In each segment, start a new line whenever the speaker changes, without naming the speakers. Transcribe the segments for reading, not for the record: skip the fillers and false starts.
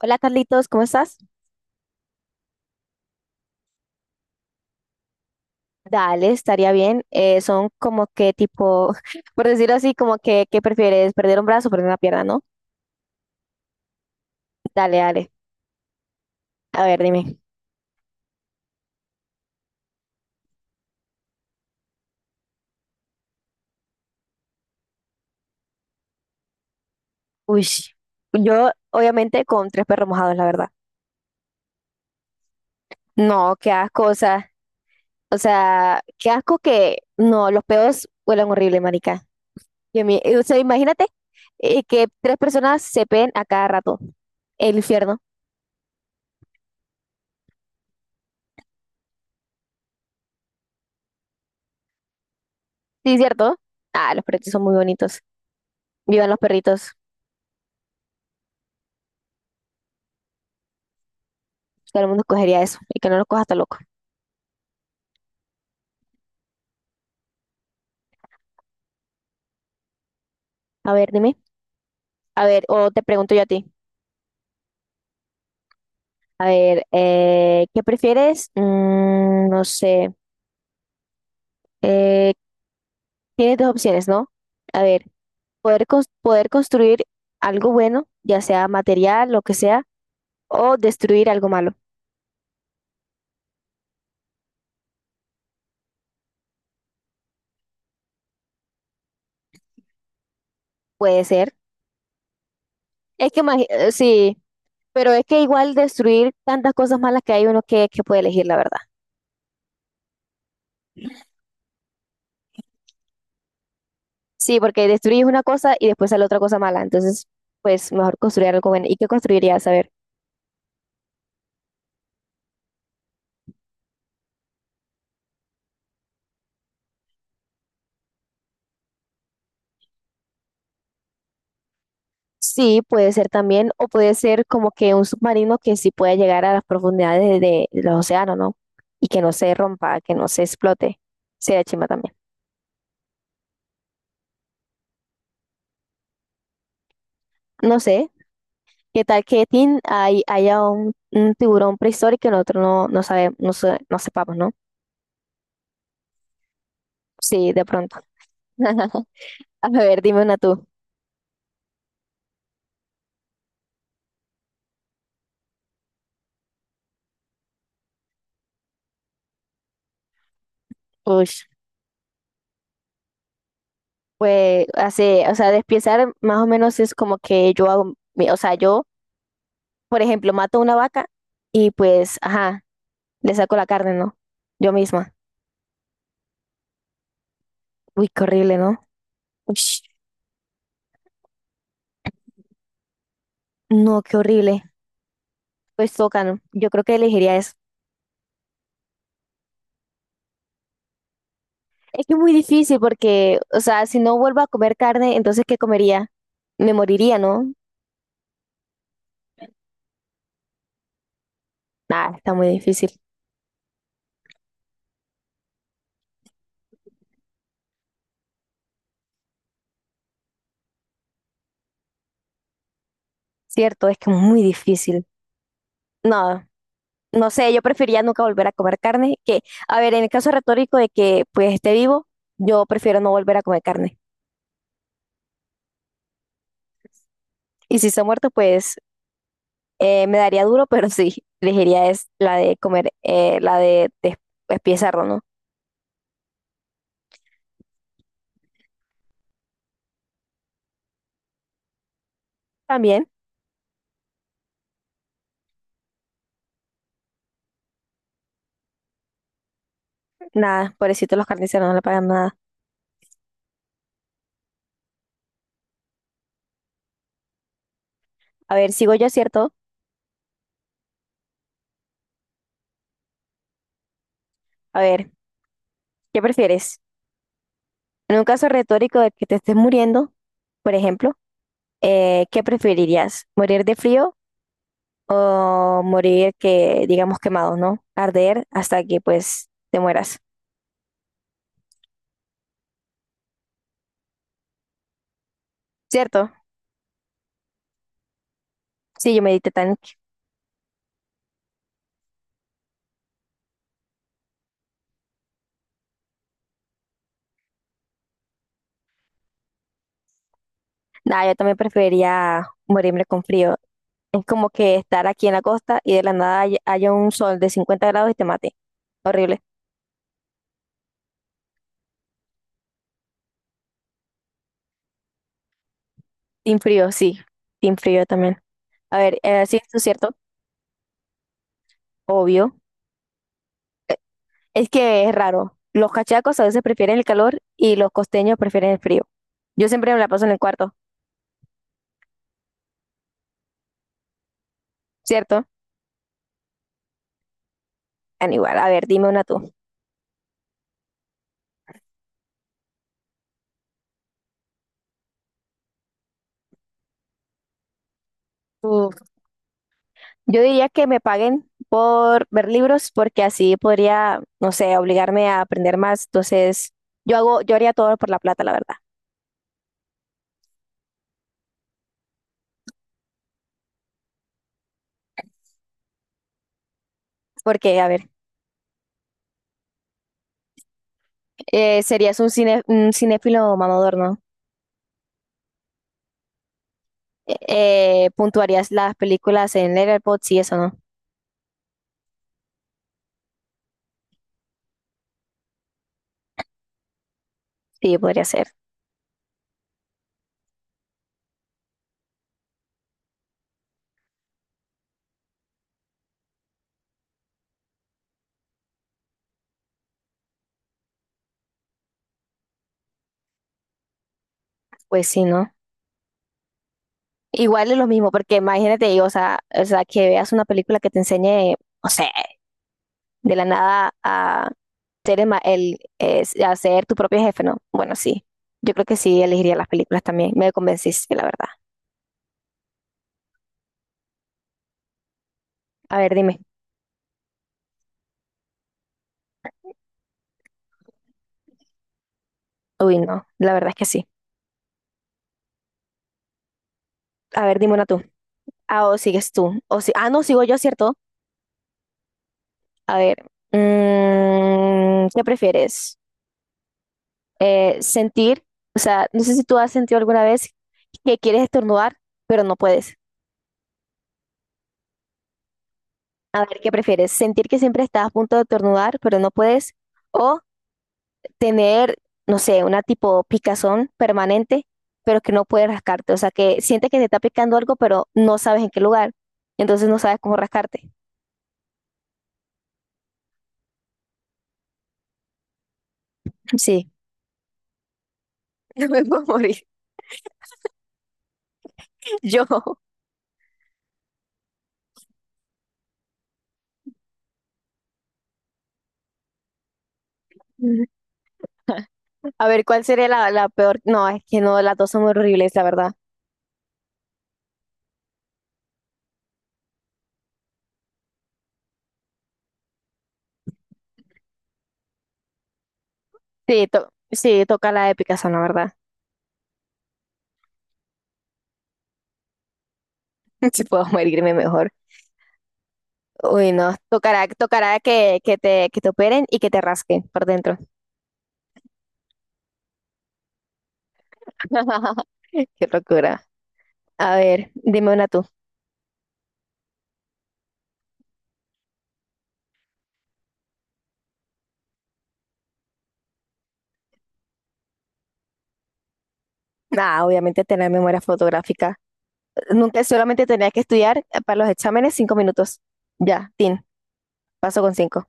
Hola Carlitos, ¿cómo estás? Dale, estaría bien. Son como que tipo, por decirlo así, como que, ¿qué prefieres? ¿Perder un brazo o perder una pierna, no? Dale, dale. A ver, dime. Uy, yo obviamente con tres perros mojados, la verdad. No, qué asco, o sea, qué asco que, no, los peos huelen horrible, marica. O sea, imagínate que tres personas se peen a cada rato. El infierno. Sí, ¿cierto? Ah, los perritos son muy bonitos. Vivan los perritos. Todo el mundo escogería eso y que no lo cojas tan loco. A ver, dime. A ver, o te pregunto yo a ti. A ver, ¿qué prefieres? Mm, no sé. Eh, Tienes dos opciones, ¿no? A ver, poder construir algo bueno, ya sea material, lo que sea, o destruir algo malo. Puede ser. Sí, pero es que igual destruir tantas cosas malas que hay uno que puede elegir, la verdad. Sí, porque destruir una cosa y después sale otra cosa mala. Entonces, pues mejor construir algo bueno. ¿Y qué construirías? A ver. Sí, puede ser también, o puede ser como que un submarino que sí pueda llegar a las profundidades de los océanos, ¿no? Y que no se rompa, que no se explote. Sería chimba también. No sé, ¿qué tal que Tin haya un tiburón prehistórico que nosotros no sabemos, no sepamos, ¿no? Sí, de pronto. A ver, dime una tú. Ush. Pues así, o sea, despiezar más o menos es como que yo hago, o sea, yo, por ejemplo, mato una vaca y pues, ajá. Le saco la carne, ¿no? Yo misma. Uy, qué horrible, ¿no? Ush, no, qué horrible. Pues tocan. Yo creo que elegiría eso. Es que es muy difícil porque, o sea, si no vuelvo a comer carne, entonces ¿qué comería? Me moriría, ¿no? Nada, está muy difícil. Cierto, es que es muy difícil. No, no sé, yo preferiría nunca volver a comer carne que, a ver, en el caso retórico de que pues esté vivo, yo prefiero no volver a comer carne. Y si está muerto, pues me daría duro, pero sí, elegiría es la de comer, la de espía cerdo, ¿no? También, nada, pobrecito, los carniceros no le pagan nada. A ver, sigo yo, ¿cierto? A ver, ¿qué prefieres? En un caso retórico de que te estés muriendo, por ejemplo, ¿qué preferirías? ¿Morir de frío o morir, que digamos, quemado, no? Arder hasta que, pues, te mueras, ¿cierto? Sí, yo medité tan... Nah, yo también preferiría morirme con frío. Es como que estar aquí en la costa y de la nada haya un sol de 50 grados y te mate. Horrible. Team frío, sí. Team frío también. A ver, sí, esto es cierto, obvio. Es que es raro. Los cachacos a veces prefieren el calor y los costeños prefieren el frío. Yo siempre me la paso en el cuarto, ¿cierto? Ah, igual, a ver, dime una tú. Uf. Yo diría que me paguen por ver libros porque así podría, no sé, obligarme a aprender más. Entonces, yo haría todo por la plata, la verdad. Porque, a ver, serías un un cinéfilo mamador, ¿no? Puntuarías las películas en Letterboxd y eso, ¿no? Sí, podría ser. Pues sí, ¿no? Igual es lo mismo, porque imagínate, o sea, que veas una película que te enseñe, no sé, de la nada a ser, el, ma- el, a ser tu propio jefe, ¿no? Bueno, sí, yo creo que sí elegiría las películas también. Me convenciste, la verdad. A ver, dime. Uy, no, la verdad es que sí. A ver, dime una tú. Ah, o sigues tú. O si... Ah, no, sigo yo, ¿cierto? A ver, mm, ¿qué prefieres? Sentir, o sea, no sé si tú has sentido alguna vez que quieres estornudar, pero no puedes. A ver, ¿qué prefieres? ¿Sentir que siempre estás a punto de estornudar, pero no puedes? ¿O tener, no sé, una tipo picazón permanente, pero que no puedes rascarte? O sea, que sientes que te está picando algo, pero no sabes en qué lugar. Entonces no sabes cómo rascarte. Sí, me puedo morir. Yo. A ver, ¿cuál sería la peor? No, es que no, las dos son muy horribles, la verdad. Sí, toca la de picazón, la verdad. Si puedo morirme mejor. Uy, no, tocará, tocará que te operen y que te rasquen por dentro. Qué locura. A ver, dime una tú. Nada, obviamente tener memoria fotográfica. Nunca solamente tenía que estudiar para los exámenes 5 minutos. Ya, tin, paso con cinco.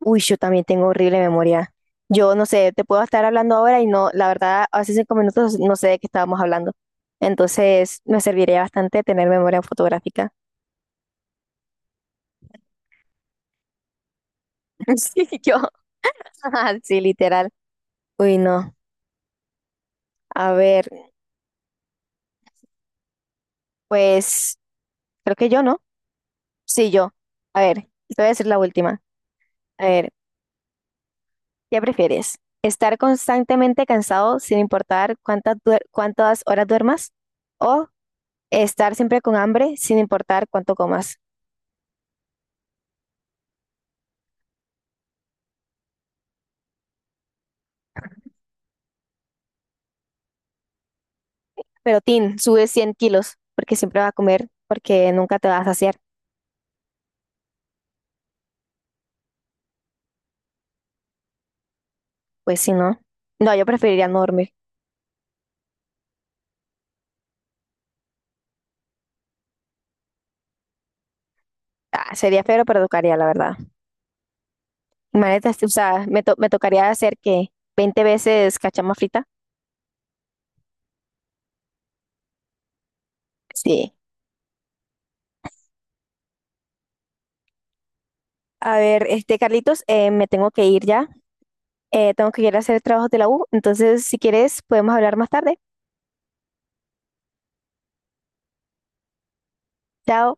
Uy, yo también tengo horrible memoria. Yo no sé, te puedo estar hablando ahora y no, la verdad, hace 5 minutos no sé de qué estábamos hablando. Entonces, me serviría bastante tener memoria fotográfica. Sí, yo. Sí, literal. Uy, no. A ver, pues creo que yo no. Sí, yo. A ver, te voy a decir la última. A ver, ¿qué prefieres? ¿Estar constantemente cansado sin importar cuántas horas duermas? ¿O estar siempre con hambre sin importar cuánto comas? Pero Tin, sube 100 kilos porque siempre vas a comer porque nunca te vas a saciar. Pues si no. No, yo preferiría no dormir. Ah, sería feo, pero tocaría, la verdad. Imagínate, o sea, me tocaría hacer que 20 veces cachama frita. Sí. A ver, este, Carlitos, me tengo que ir ya. Tengo que ir a hacer trabajos de la U. Entonces, si quieres, podemos hablar más tarde. Chao.